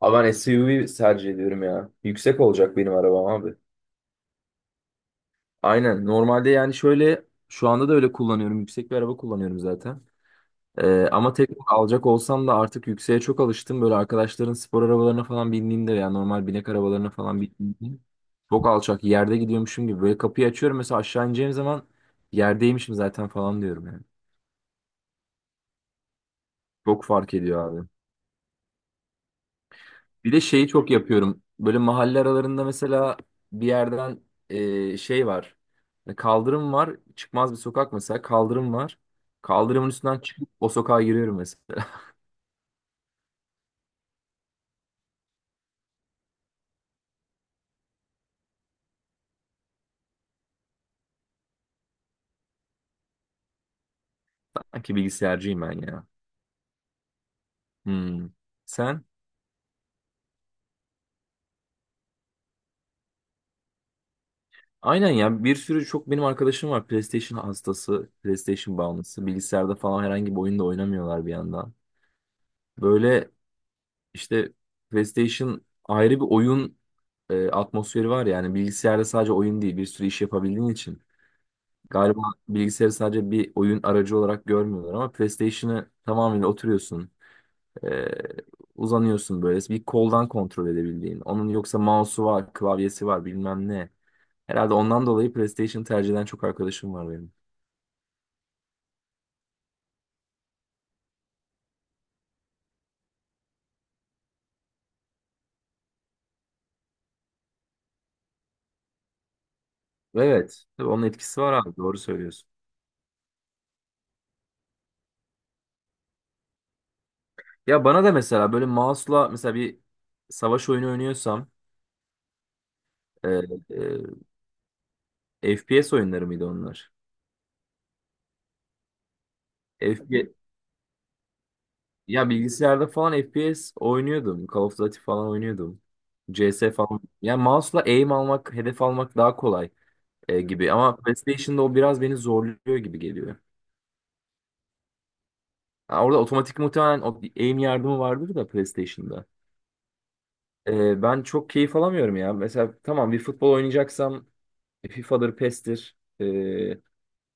Abi ben SUV tercih ediyorum ya. Yüksek olacak benim arabam abi. Aynen. Normalde yani şöyle şu anda da öyle kullanıyorum. Yüksek bir araba kullanıyorum zaten. Ama tek alacak olsam da artık yükseğe çok alıştım. Böyle arkadaşların spor arabalarına falan bindiğimde ya normal binek arabalarına falan bindiğimde çok alçak yerde gidiyormuşum gibi. Böyle kapıyı açıyorum mesela aşağı ineceğim zaman yerdeymişim zaten falan diyorum yani. Çok fark ediyor abi. Bir de şeyi çok yapıyorum. Böyle mahalle aralarında mesela bir yerden şey var. Hani kaldırım var. Çıkmaz bir sokak mesela. Kaldırım var. Kaldırımın üstünden çıkıp o sokağa giriyorum mesela. Sanki bilgisayarcıyım ben ya. Hmm. Sen? Aynen ya. Bir sürü çok benim arkadaşım var. PlayStation hastası, PlayStation bağımlısı. Bilgisayarda falan herhangi bir oyunda oynamıyorlar bir yandan. Böyle işte PlayStation ayrı bir oyun atmosferi var yani. Bilgisayarda sadece oyun değil. Bir sürü iş yapabildiğin için. Galiba bilgisayarı sadece bir oyun aracı olarak görmüyorlar ama PlayStation'ı tamamıyla oturuyorsun. e, Uzanıyorsun böyle. Bir koldan kontrol edebildiğin. Onun yoksa mouse'u var, klavyesi var bilmem ne. Herhalde ondan dolayı PlayStation tercih eden çok arkadaşım var benim. Evet. Tabii onun etkisi var abi. Doğru söylüyorsun. Ya bana da mesela böyle mouse'la mesela bir savaş oyunu oynuyorsam e, FPS oyunları mıydı onlar? Ya bilgisayarda falan FPS oynuyordum. Call of Duty falan oynuyordum. CS falan. Yani mouse'la aim almak, hedef almak daha kolay gibi. Ama PlayStation'da o biraz beni zorluyor gibi geliyor. Ha, orada otomatik muhtemelen o aim yardımı vardır da PlayStation'da. Ben çok keyif alamıyorum ya. Mesela tamam bir futbol oynayacaksam FIFA'dır, PES'tir.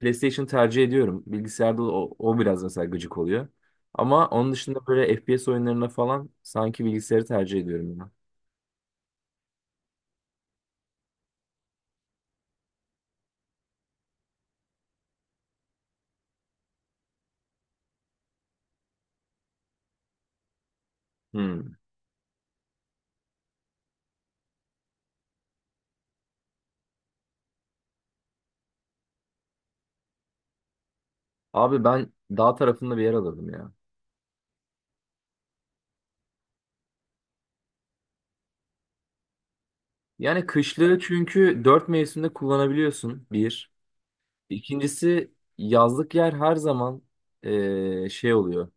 PlayStation tercih ediyorum. Bilgisayarda o biraz mesela gıcık oluyor. Ama onun dışında böyle FPS oyunlarına falan sanki bilgisayarı tercih ediyorum ben. Abi ben dağ tarafında bir yer alırdım ya. Yani kışlığı çünkü dört mevsimde kullanabiliyorsun bir. İkincisi yazlık yer her zaman şey oluyor.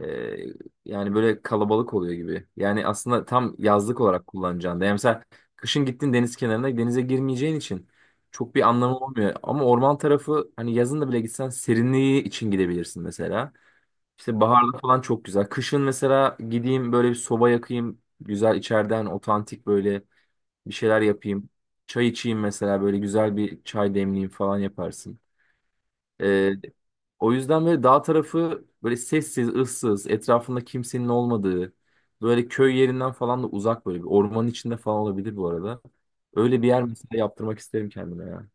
Eee, Yani böyle kalabalık oluyor gibi. Yani aslında tam yazlık olarak kullanacağın da. Yani mesela kışın gittin deniz kenarına denize girmeyeceğin için çok bir anlamı olmuyor. Ama orman tarafı hani yazın da bile gitsen serinliği için gidebilirsin mesela. İşte baharda falan çok güzel. Kışın mesela gideyim böyle bir soba yakayım. Güzel içeriden otantik böyle bir şeyler yapayım. Çay içeyim mesela böyle güzel bir çay demleyeyim falan yaparsın. Ee, O yüzden böyle dağ tarafı böyle sessiz, ıssız, etrafında kimsenin olmadığı, böyle köy yerinden falan da uzak böyle bir ormanın içinde falan olabilir bu arada. Öyle bir yer mesela yaptırmak isterim kendime ya.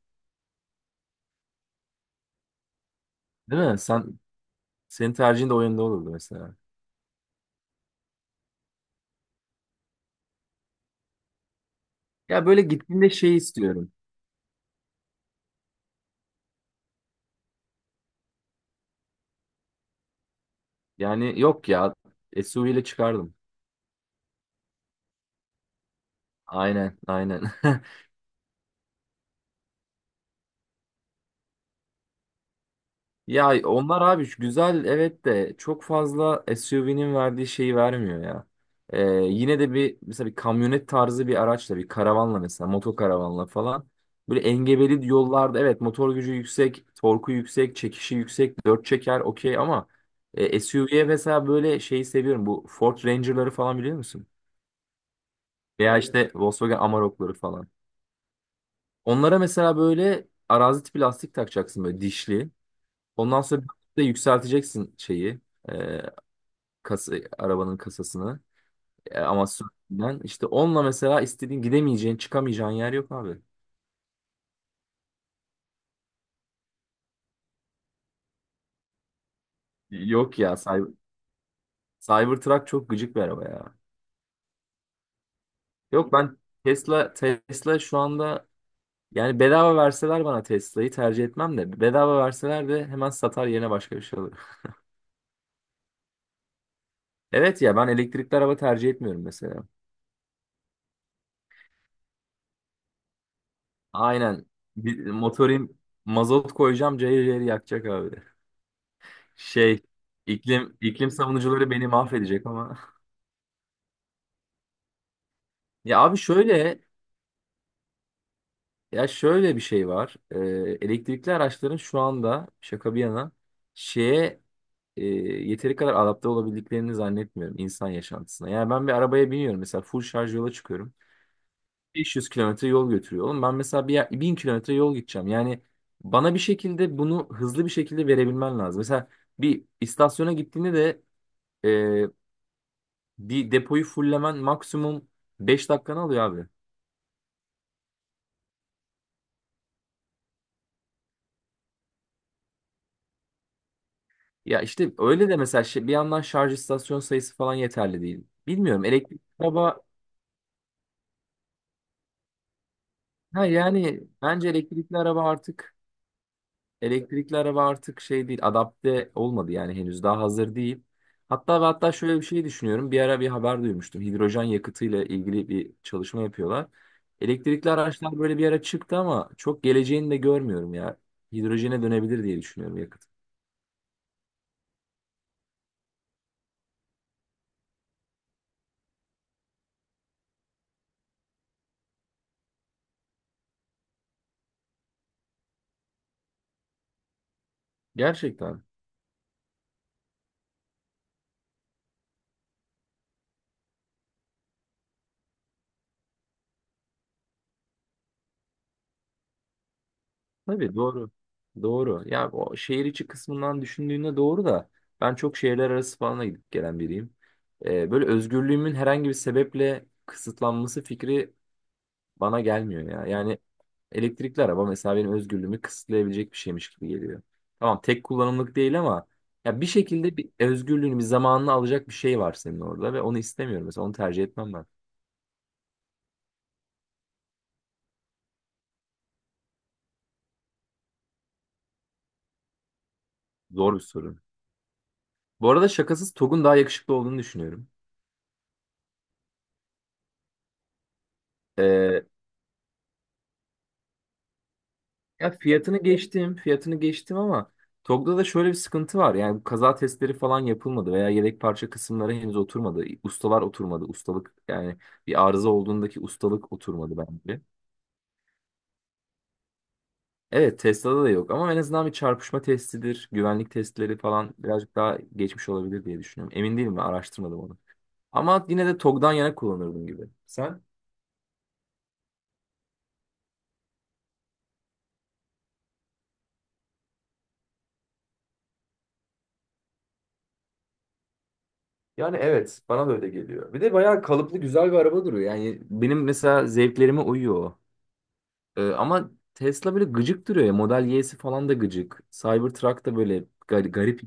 Değil mi? Senin tercihin de o yönde olurdu mesela. Ya böyle gittiğinde şey istiyorum. Yani yok ya. SUV ile çıkardım. Aynen, aynen. Ya onlar abi şu güzel evet de çok fazla SUV'nin verdiği şeyi vermiyor ya. Ee, Yine de bir mesela bir kamyonet tarzı bir araçla bir karavanla mesela motokaravanla falan böyle engebeli yollarda evet motor gücü yüksek, torku yüksek, çekişi yüksek, dört çeker okey ama SUV'ye mesela böyle şeyi seviyorum, bu Ford Ranger'ları falan biliyor musun? Veya işte Volkswagen Amarok'ları falan. Onlara mesela böyle arazi tipi lastik takacaksın böyle dişli. Ondan sonra bir de yükselteceksin şeyi. E, Kasa, arabanın kasasını. E, ama sürtünden. İşte onunla mesela istediğin gidemeyeceğin, çıkamayacağın yer yok abi. Yok ya. Cybertruck çok gıcık bir araba ya. Yok ben Tesla şu anda yani bedava verseler bana Tesla'yı tercih etmem de bedava verseler de hemen satar yerine başka bir şey alırım. Evet ya ben elektrikli araba tercih etmiyorum mesela. Aynen. Bir, motorim mazot koyacağım cayır cayır yakacak abi. Şey iklim savunucuları beni mahvedecek ama. Ya abi ya şöyle bir şey var. Elektrikli araçların şu anda şaka bir yana şeye e, yeteri kadar adapte olabildiklerini zannetmiyorum insan yaşantısına. Yani ben bir arabaya biniyorum mesela full şarj yola çıkıyorum. 500 kilometre yol götürüyor. Oğlum ben mesela bir yer, 1.000 kilometre yol gideceğim. Yani bana bir şekilde bunu hızlı bir şekilde verebilmen lazım. Mesela bir istasyona gittiğinde de e, bir depoyu fullemen maksimum 5 dakikanı alıyor abi. Ya işte öyle de mesela bir yandan şarj istasyon sayısı falan yeterli değil. Bilmiyorum elektrikli araba ha yani bence elektrikli araba artık elektrikli araba artık şey değil, adapte olmadı yani henüz daha hazır değil. Hatta ve hatta şöyle bir şey düşünüyorum. Bir ara bir haber duymuştum. Hidrojen yakıtıyla ilgili bir çalışma yapıyorlar. Elektrikli araçlar böyle bir ara çıktı ama çok geleceğini de görmüyorum ya. Hidrojene dönebilir diye düşünüyorum yakıt. Gerçekten. Tabii doğru. Doğru. Ya o şehir içi kısmından düşündüğünde doğru da ben çok şehirler arası falan da gidip gelen biriyim. Böyle özgürlüğümün herhangi bir sebeple kısıtlanması fikri bana gelmiyor ya. Yani elektrikli araba mesela benim özgürlüğümü kısıtlayabilecek bir şeymiş gibi geliyor. Tamam tek kullanımlık değil ama ya bir şekilde bir özgürlüğünü bir zamanını alacak bir şey var senin orada ve onu istemiyorum. Mesela onu tercih etmem ben. Zor bir sorun. Bu arada şakasız TOG'un daha yakışıklı olduğunu düşünüyorum. Ee, Ya fiyatını geçtim, ama TOG'da da şöyle bir sıkıntı var. Yani bu kaza testleri falan yapılmadı veya yedek parça kısımları henüz oturmadı. Ustalar oturmadı. Ustalık yani bir arıza olduğundaki ustalık oturmadı bence. Evet Tesla'da da yok ama en azından bir çarpışma testidir. Güvenlik testleri falan birazcık daha geçmiş olabilir diye düşünüyorum. Emin değilim ben araştırmadım onu. Ama yine de TOGG'dan yana kullanırdım gibi. Sen? Yani evet bana da öyle geliyor. Bir de bayağı kalıplı güzel bir araba duruyor. Yani benim mesela zevklerime uyuyor o. Ama Tesla böyle gıcık duruyor ya. Model Y'si falan da gıcık. Cybertruck da böyle garip.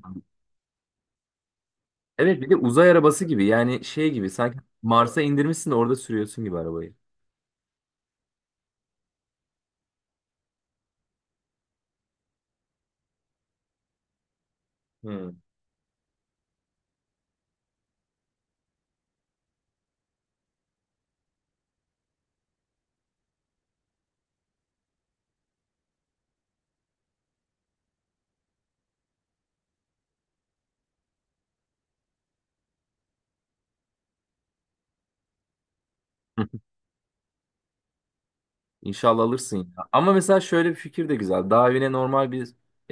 Evet bir de uzay arabası gibi. Yani şey gibi sanki Mars'a indirmişsin de orada sürüyorsun gibi arabayı. Hmm. İnşallah alırsın ya. Ama mesela şöyle bir fikir de güzel. Daha evine normal bir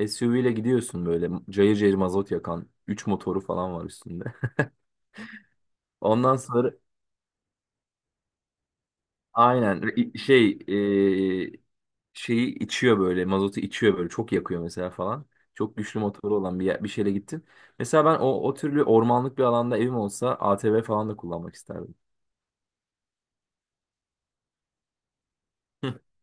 SUV ile gidiyorsun böyle. Cayır cayır mazot yakan. Üç motoru falan var üstünde. Ondan sonra aynen i- şey e, şeyi içiyor böyle. Mazotu içiyor böyle. Çok yakıyor mesela falan. Çok güçlü motoru olan bir, bir şeyle gittim. Mesela ben o türlü ormanlık bir alanda evim olsa ATV falan da kullanmak isterdim.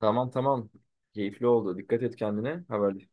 Tamam tamam. Keyifli oldu. Dikkat et kendine. Haber